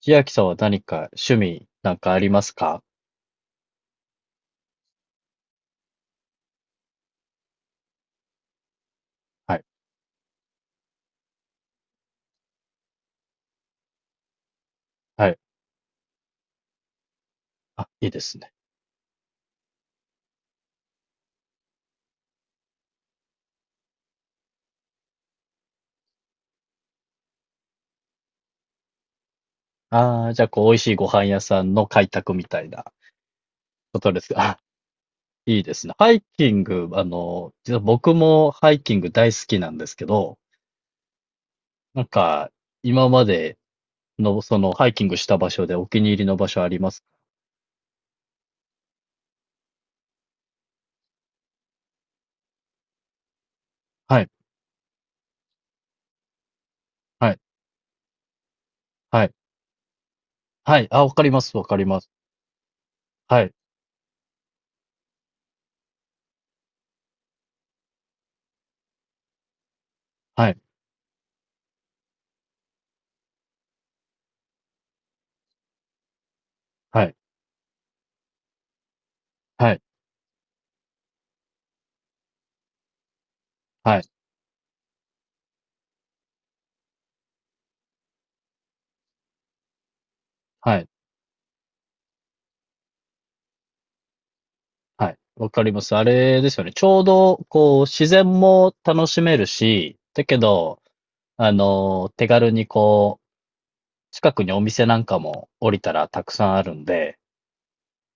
千秋さんは何か趣味なんかありますか？はい。はい。あ、いいですね。ああ、じゃあ、こう、美味しいご飯屋さんの開拓みたいなことですが、あ、いいですね。ハイキング、実は僕もハイキング大好きなんですけど、なんか、今までの、ハイキングした場所でお気に入りの場所あります？はい、はい、はい、はい。あ、わかります、わかります。はい、はい、はい、はい、はい、はい。はい。わかります。あれですよね。ちょうど、こう、自然も楽しめるし、だけど、手軽にこう、近くにお店なんかも降りたらたくさんあるんで、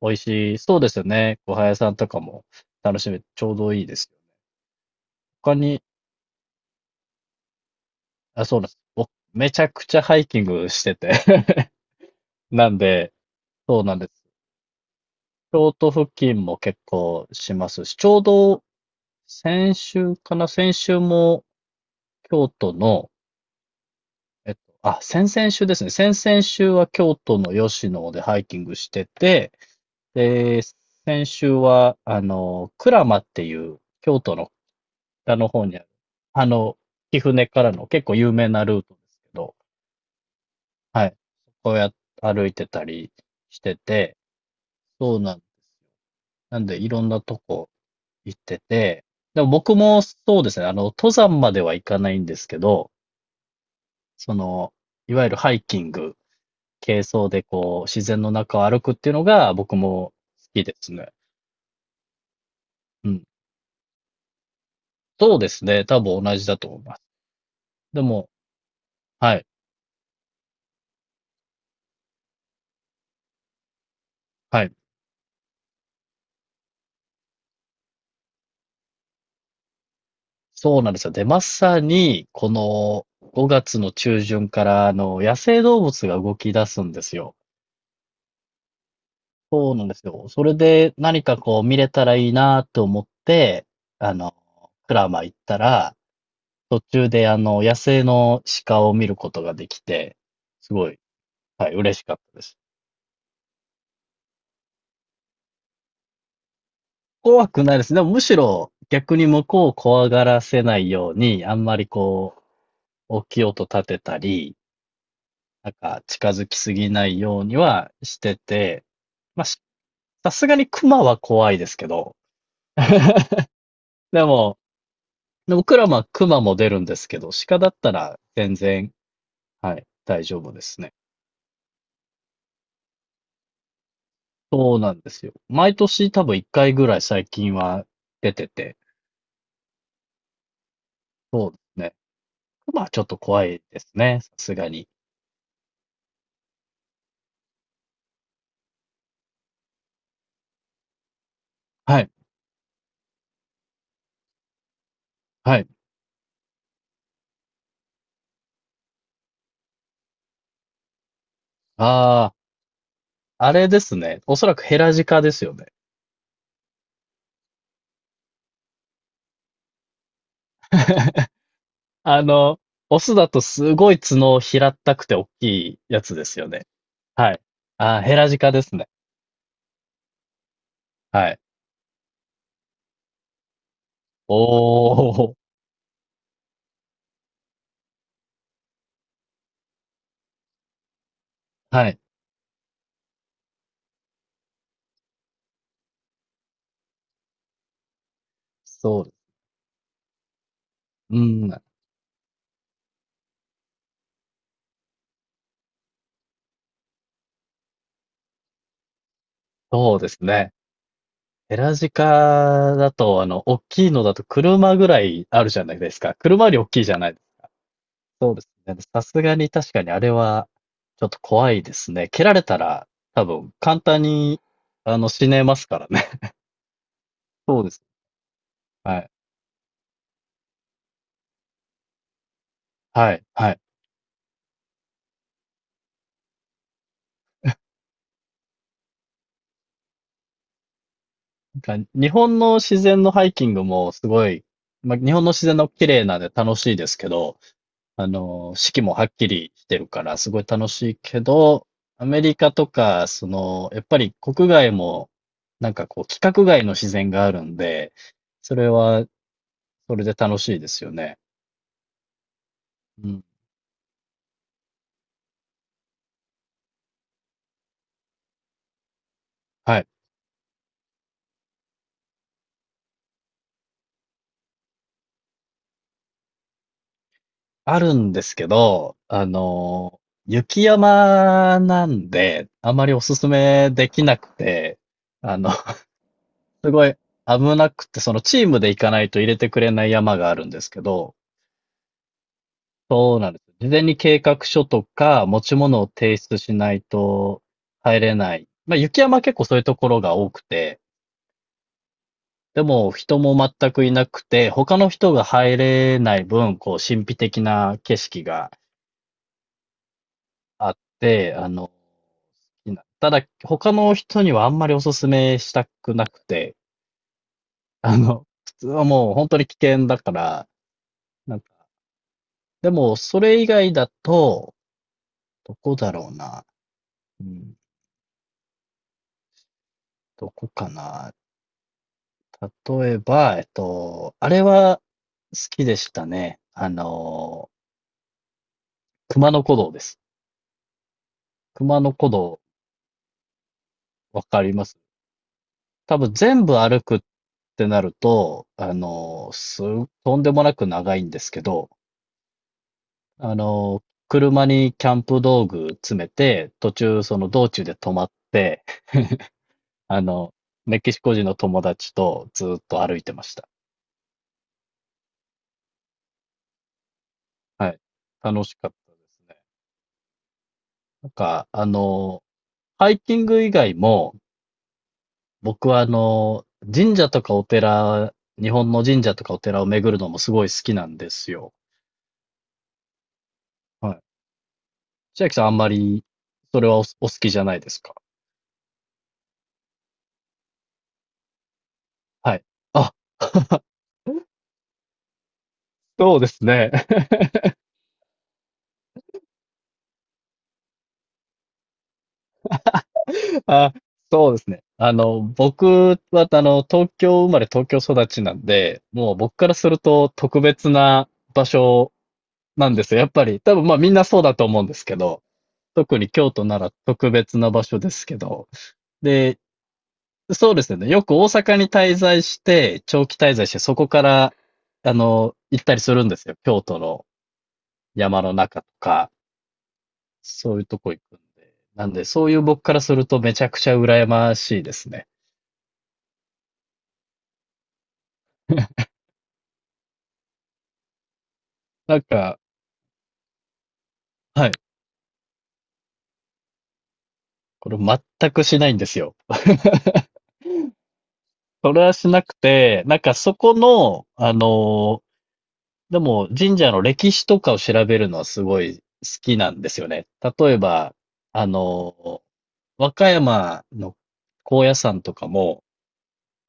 美味しい。そうですよね。ごは屋さんとかも楽しめて、ちょうどいいです。他に、あ、そうなんです。僕、めちゃくちゃハイキングしてて なんで、そうなんです。京都付近も結構しますし、ちょうど先週かな先週も京都のあ、先々週ですね。先々週は京都の吉野でハイキングしてて、で、先週は、鞍馬っていう京都の北の方にある、あの、貴船からの結構有名なルートですけど、はい。そこをや、歩いてたりしてて、そうなん、なんでいろんなとこ行ってて、でも僕もそうですね、登山までは行かないんですけど、その、いわゆるハイキング軽装でこう、自然の中を歩くっていうのが僕も好きですね。うん。そうですね。多分同じだと思います。でも、はい、はい。そうなんですよ。で、まさに、この5月の中旬から、野生動物が動き出すんですよ。そうなんですよ。それで何かこう見れたらいいなと思って、あの、クラマ行ったら、途中で野生の鹿を見ることができて、すごい、はい、嬉しかったです。怖くないですね。でもむしろ逆に向こうを怖がらせないように、あんまりこう、大きい音立てたり、なんか近づきすぎないようにはしてて、まあ、さすがに熊は怖いですけど、でも、でも僕らは熊も出るんですけど、鹿だったら全然、はい、大丈夫ですね。そうなんですよ。毎年多分1回ぐらい最近は出てて、そうですね。熊はちょっと怖いですね。さすがに。はい、はい。ああ。あれですね。おそらくヘラジカですよね。あの、オスだとすごい角を平ったくて大きいやつですよね。はい。あー、ヘラジカですね。はい。おー。はい。そう。うん。そうですね。ヘラジカだと、大きいのだと車ぐらいあるじゃないですか。車より大きいじゃないですか？そうですね。さすがに確かにあれは、ちょっと怖いですね。蹴られたら、多分簡単に、死ねますからね。そうです。はい。はい、はい。なんか、日本の自然のハイキングもすごい、まあ、日本の自然の綺麗なんで楽しいですけど、四季もはっきりしてるからすごい楽しいけど、アメリカとか、やっぱり国外も、なんかこう、規格外の自然があるんで、それは、それで楽しいですよね。うん。はい。あるんですけど、雪山なんで、あまりおすすめできなくて、あのすごい危なくて、チームで行かないと入れてくれない山があるんですけど、そうなんです。事前に計画書とか持ち物を提出しないと入れない。まあ、雪山は結構そういうところが多くて、でも人も全くいなくて、他の人が入れない分、こう神秘的な景色があって、いいな。ただ他の人にはあんまりおすすめしたくなくて、普通はもう本当に危険だから、なんかでも、それ以外だと、どこだろうな。うん、どこかな。例えば、あれは好きでしたね。熊野古道です。熊野古道、わかります。多分全部歩くってなると、とんでもなく長いんですけど、あの、車にキャンプ道具詰めて、途中その道中で止まって、あの、メキシコ人の友達とずっと歩いてました。はい。楽しかったですね。なんか、ハイキング以外も、僕は神社とかお寺、日本の神社とかお寺を巡るのもすごい好きなんですよ。はい。千秋さんあんまり、それはお好きじゃないですか？はい。あ、そうですね。あ、そうですね。僕は、東京生まれ東京育ちなんで、もう僕からすると特別な場所なんですよ。やっぱり、多分まあみんなそうだと思うんですけど、特に京都なら特別な場所ですけど。で、そうですね。よく大阪に滞在して、長期滞在して、そこから、行ったりするんですよ。京都の山の中とか、そういうとこ行くんで。なんで、そういう僕からするとめちゃくちゃ羨ましいですね。なんか、はい。これ全くしないんですよ。それはしなくて、なんかそこの、でも、神社の歴史とかを調べるのはすごい好きなんですよね。例えば、あの、和歌山の高野山とかも、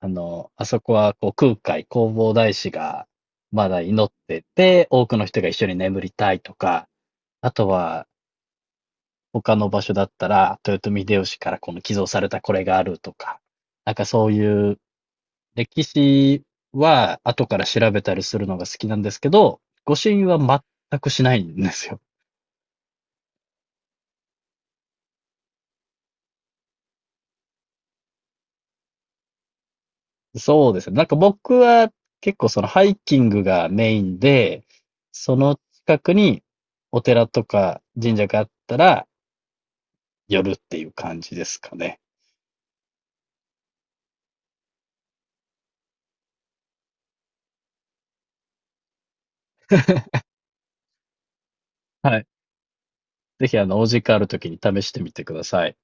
あそこはこう空海、弘法大師がまだ祈ってて、多くの人が一緒に眠りたいとか、あとは他の場所だったら、豊臣秀吉からこの寄贈されたこれがあるとか、なんかそういう歴史は後から調べたりするのが好きなんですけど、御朱印は全くしないんですよ。そうですね。なんか僕は結構そのハイキングがメインで、その近くにお寺とか神社があったら寄るっていう感じですかね。はい。ぜひお時間ある時に試してみてください。